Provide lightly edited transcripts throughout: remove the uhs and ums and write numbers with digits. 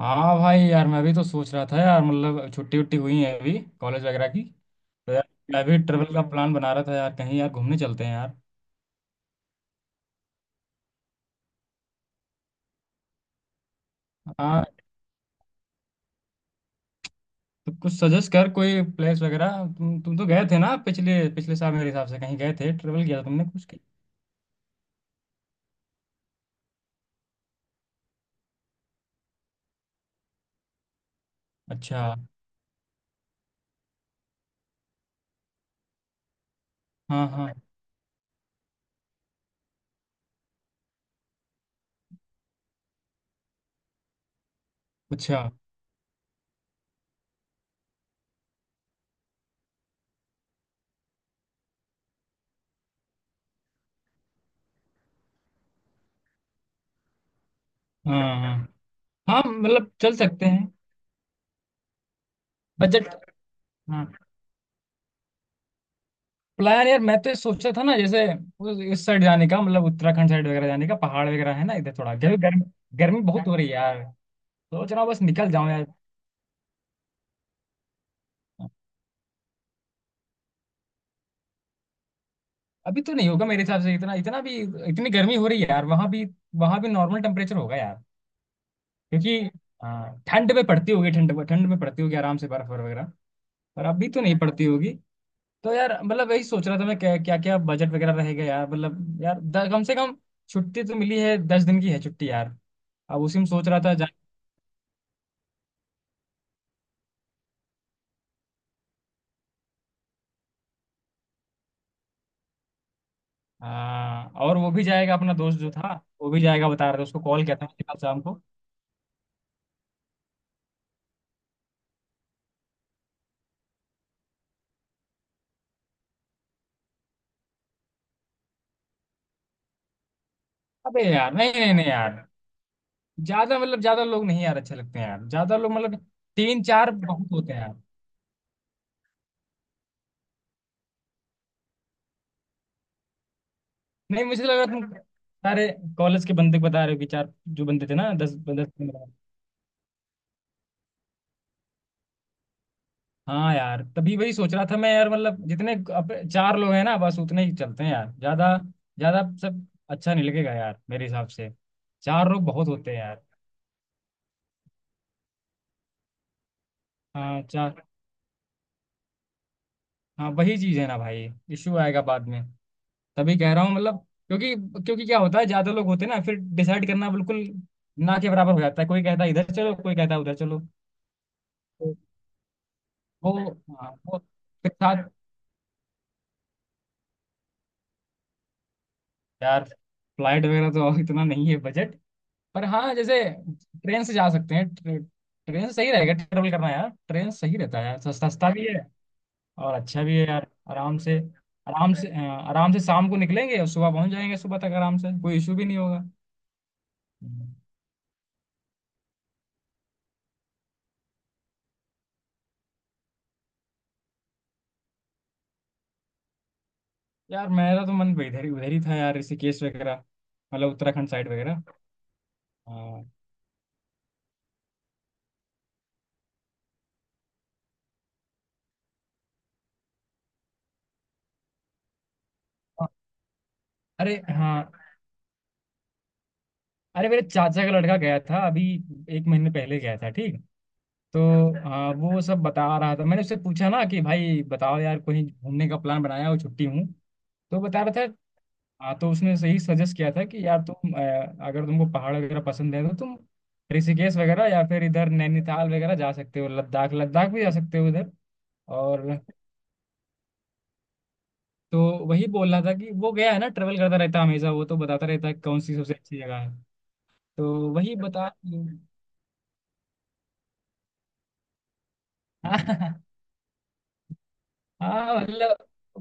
हाँ भाई यार, मैं भी तो सोच रहा था यार। मतलब छुट्टी वुट्टी हुई है अभी कॉलेज वगैरह की। तो यार मैं भी ट्रेवल का प्लान बना रहा था यार। कहीं यार घूमने चलते हैं यार। हाँ, तो कुछ सजेस्ट कर कोई प्लेस वगैरह। तुम तो गए थे ना पिछले पिछले साल मेरे हिसाब से कहीं गए थे, ट्रेवल किया था तुमने कुछ कहीं? अच्छा। हाँ हाँ। अच्छा। हाँ हाँ हाँ, मतलब चल सकते हैं। बजट। हाँ, प्लान यार मैं तो ये सोचा था ना, जैसे इस साइड जाने का, मतलब उत्तराखंड साइड वगैरह जाने का। पहाड़ वगैरह है ना इधर, थोड़ा गर्मी गर्मी। गर्मी बहुत हो रही है यार। सोच रहा हूँ बस निकल जाऊं यार। अभी तो नहीं होगा मेरे हिसाब से इतना, इतना भी। इतनी गर्मी हो रही है यार वहां भी। वहां भी नॉर्मल टेम्परेचर होगा यार। क्योंकि हाँ, ठंड में पड़ती होगी। ठंड ठंड में पड़ती होगी आराम से, बर्फ और वगैरह। पर अभी तो नहीं पड़ती होगी। तो यार मतलब वही सोच रहा था मैं, क्या क्या, क्या बजट वगैरह रहेगा यार। मतलब यार कम से कम छुट्टी तो मिली है। 10 दिन की है छुट्टी यार। अब उसी में सोच रहा था जा। हाँ, और वो भी जाएगा, अपना दोस्त जो था वो भी जाएगा, बता रहा था। उसको कॉल किया था मैंने कल शाम को। अबे यार, नहीं नहीं नहीं यार, ज्यादा मतलब, ज्यादा लोग नहीं यार अच्छे लगते हैं यार। ज्यादा लोग मतलब, तीन चार बहुत होते हैं यार। नहीं मुझे लगा तुम सारे कॉलेज के बंदे बता रहे हो, कि चार जो बंदे थे ना, दस दस पंद्रह। हाँ यार, तभी वही सोच रहा था मैं यार। मतलब जितने अब चार लोग हैं ना, बस उतने ही चलते हैं यार। ज्यादा ज्यादा सब अच्छा नहीं लगेगा यार मेरे हिसाब से। चार लोग बहुत होते हैं यार। हाँ, चार। हाँ, वही चीज़ है ना भाई। इश्यू आएगा बाद में। तभी कह रहा हूँ मतलब, क्योंकि क्योंकि क्या होता है, ज्यादा लोग होते हैं ना, फिर डिसाइड करना बिल्कुल ना के बराबर हो जाता है। कोई कहता है इधर चलो, कोई कहता है उधर चलो। तो वो। हाँ वो, फिर साथ। यार फ्लाइट वगैरह तो इतना नहीं है बजट। पर हाँ, जैसे ट्रेन से जा सकते हैं। ट्रेन से सही रहेगा ट्रेवल करना यार। ट्रेन सही रहता है यार। सस्ता, सस्ता भी है और अच्छा भी है यार। आराम से शाम को निकलेंगे और सुबह पहुंच जाएंगे। सुबह तक आराम से कोई इशू भी नहीं होगा। यार मेरा तो मन इधर ही, उधर ही था यार, ऋषिकेश वगैरह। मतलब उत्तराखंड साइड वगैरह। हाँ, हाँ, अरे हाँ। अरे मेरे चाचा का लड़का गया था अभी, एक महीने पहले गया था ठीक। तो हाँ, वो सब बता रहा था। मैंने उससे पूछा ना कि भाई बताओ यार, कहीं घूमने का प्लान बनाया हो, छुट्टी हूँ। तो बता रहा था। हाँ, तो उसने सही सजेस्ट किया था कि यार तुम अगर तुमको पहाड़ वगैरह पसंद है, तो तुम ऋषिकेश वगैरह या फिर इधर नैनीताल वगैरह जा सकते हो। लद्दाख, लद्दाख भी जा सकते हो उधर। और तो वही बोल रहा था कि वो गया है ना, ट्रेवल करता रहता है हमेशा। वो तो बताता रहता है कौन सी सबसे अच्छी जगह है। तो वही बता हाँ। हाँ, मतलब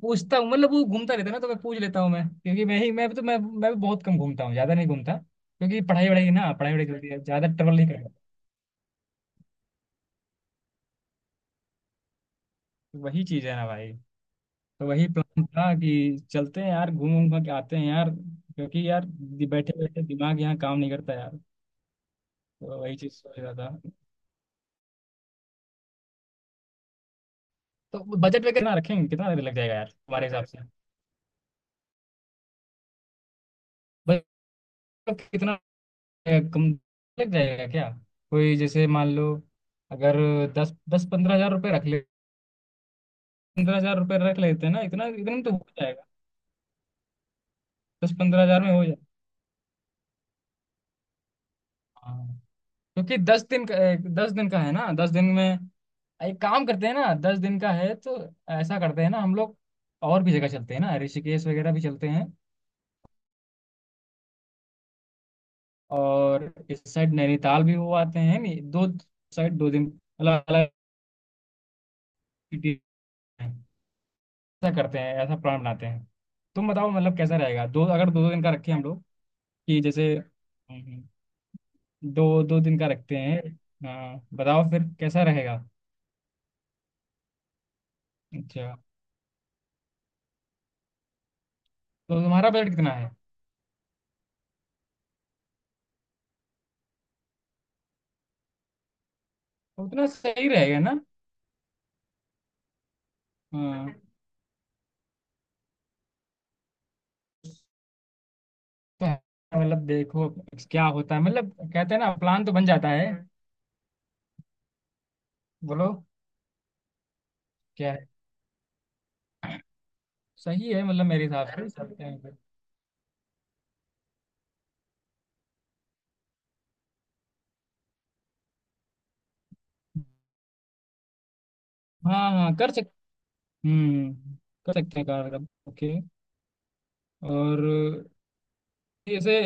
पूछता हूँ, मतलब वो घूमता रहता है ना, तो मैं पूछ लेता हूँ। मैं, क्योंकि मैं ही मैं तो मैं भी बहुत कम घूमता हूँ, ज्यादा नहीं घूमता। क्योंकि पढ़ाई वढ़ाई चलती है, ज्यादा ट्रेवल नहीं करता। तो वही चीज है ना भाई। तो वही प्लान था कि चलते हैं यार, घूम घूम के आते हैं यार। क्योंकि यार बैठे बैठे दिमाग यहाँ काम नहीं करता यार। तो वही चीज सोच रहा था। तो बजट वगैरह कितना रखेंगे, कितना लग जाएगा यार हमारे हिसाब से। मतलब कितना कम लग जाएगा क्या? कोई, जैसे मान लो, अगर दस दस पंद्रह हजार रुपये रख ले। 15 हज़ार रुपये रख लेते हैं ना, इतना, इतना में तो हो जाएगा। 10-15 हज़ार में हो जाएगा। हाँ। क्योंकि दस दिन का है ना, 10 दिन में एक काम करते हैं ना, दस दिन का है तो ऐसा करते हैं ना हम लोग। और भी जगह चलते हैं ना, ऋषिकेश वगैरह भी चलते हैं और इस साइड नैनीताल भी हो आते हैं। नहीं, दो साइड 2 दिन, अलग अलग सिटी। ऐसा करते हैं, ऐसा प्लान बनाते हैं। तुम बताओ मतलब कैसा रहेगा, दो, अगर दो दो दिन का रखें हम लोग, कि जैसे। हम्म, दो दो दिन का रखते हैं। हाँ बताओ फिर कैसा रहेगा। अच्छा, तो तुम्हारा बजट कितना है? तो उतना सही रहेगा ना। हाँ तो, मतलब देखो क्या होता है, मतलब कहते हैं ना, प्लान तो बन जाता है। बोलो, क्या है? सही है, मतलब मेरे हिसाब से चलते हैं फिर। हाँ हाँ, कर सकते। हम्म, कर सकते हैं कार का। ओके। और जैसे,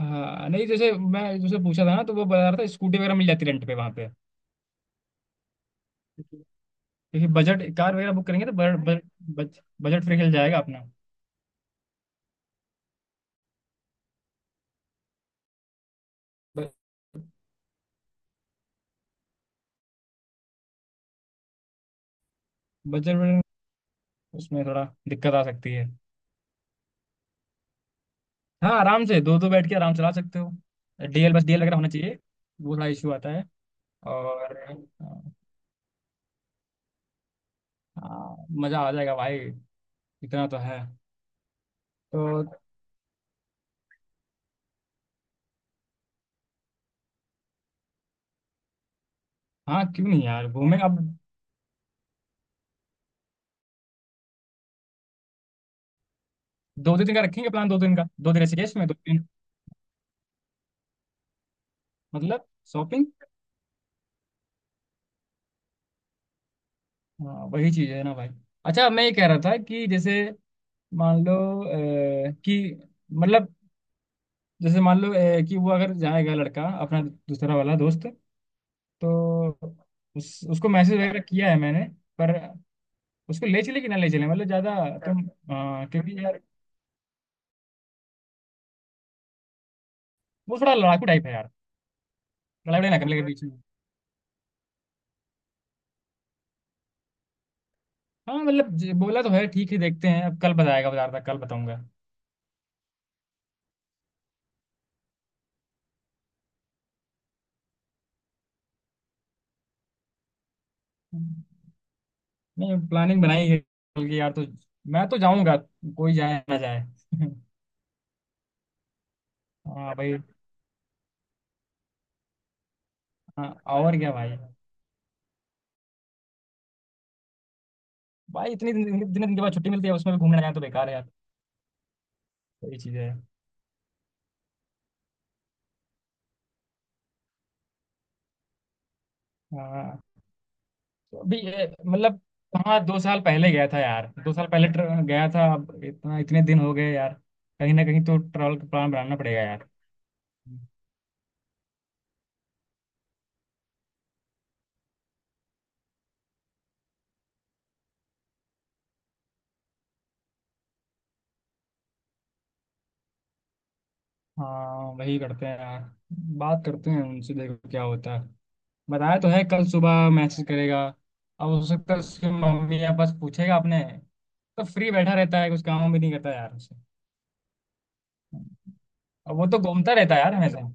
हाँ नहीं जैसे मैं जैसे पूछा था ना, तो वो बता रहा था स्कूटी वगैरह मिल जाती रेंट पे वहाँ पे। क्योंकि बजट, कार वगैरह बुक करेंगे तो बजट बजट फ्री हिल जाएगा अपना। बजट उसमें थोड़ा दिक्कत आ सकती है। हाँ आराम से दो दो बैठ के आराम से चला सकते हो। डीएल, बस डीएल वगैरह होना चाहिए। वो थोड़ा इशू आता है। और हाँ, मज़ा आ जाएगा भाई। इतना तो है। तो हाँ, क्यों नहीं यार, घूमेंगे अब। दो दो दिन का रखेंगे प्लान, दो दिन का, दो दिन ऐसे केस में, दो दिन। मतलब शॉपिंग। हाँ, वही चीज है ना भाई। अच्छा मैं ये कह रहा था कि जैसे, मान लो कि मतलब, जैसे मान लो कि वो अगर जाएगा लड़का, अपना दूसरा वाला दोस्त, तो उस उसको मैसेज वगैरह किया है मैंने। पर उसको ले चले कि ना ले चले, मतलब ज्यादा। तुम क्योंकि यार वो थोड़ा लड़ाकू टाइप है यार। लड़ाई वड़ाई ना करने के बीच में। हाँ मतलब बोला तो है, ठीक है देखते हैं। अब कल बताएगा, बता रहा था कल बताऊंगा। नहीं, प्लानिंग बनाई है कल की यार, तो मैं तो जाऊंगा, कोई जाए ना जाए। हाँ भाई, हाँ और क्या भाई। भाई इतनी दिन के बाद छुट्टी मिलती है, उसमें भी घूमने जाए तो बेकार है यार। वही चीज है। हाँ तो अभी ये, मतलब हाँ, 2 साल पहले गया था यार। 2 साल पहले गया था, अब इतना इतने दिन हो गए यार। कहीं ना कहीं तो ट्रैवल का प्लान बनाना पड़ेगा यार। हाँ, वही करते हैं यार, बात करते हैं उनसे, देखो क्या होता है। बताया तो है, कल सुबह मैसेज करेगा। अब हो सकता है उसकी मम्मी या बस पूछेगा आपने। तो फ्री बैठा रहता है, कुछ काम भी नहीं करता यार उसे। अब वो तो घूमता रहता है यार हमेशा।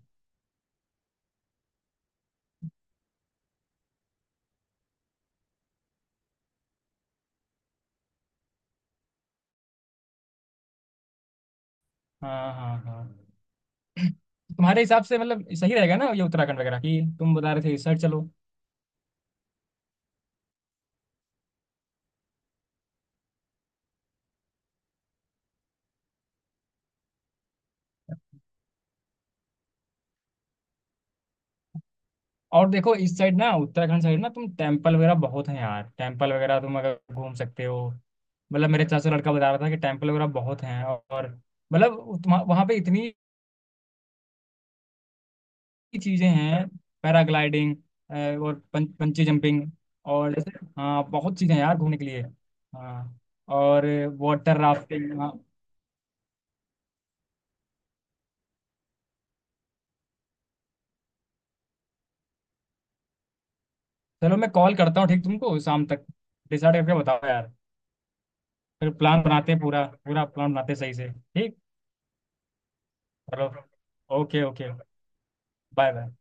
हाँ हाँ हाँ। तुम्हारे हिसाब से मतलब सही रहेगा ना ये, उत्तराखंड वगैरह की तुम बता रहे थे, इस साइड चलो। और देखो इस साइड ना, उत्तराखंड साइड ना, तुम टेम्पल वगैरह बहुत हैं यार। टेम्पल वगैरह तुम अगर घूम सकते हो, मतलब मेरे चाचा लड़का बता रहा था कि टेम्पल वगैरह बहुत हैं। और मतलब वहाँ पे इतनी चीजें हैं, पैराग्लाइडिंग और पंची जंपिंग, और जैसे, हाँ बहुत चीजें हैं यार घूमने के लिए। हाँ और वाटर राफ्टिंग, हाँ। चलो मैं कॉल करता हूँ ठीक। तुमको शाम तक डिसाइड करके बताओ यार। फिर प्लान बनाते हैं, पूरा पूरा प्लान बनाते हैं सही से ठीक। चलो, ओके ओके, बाय बाय।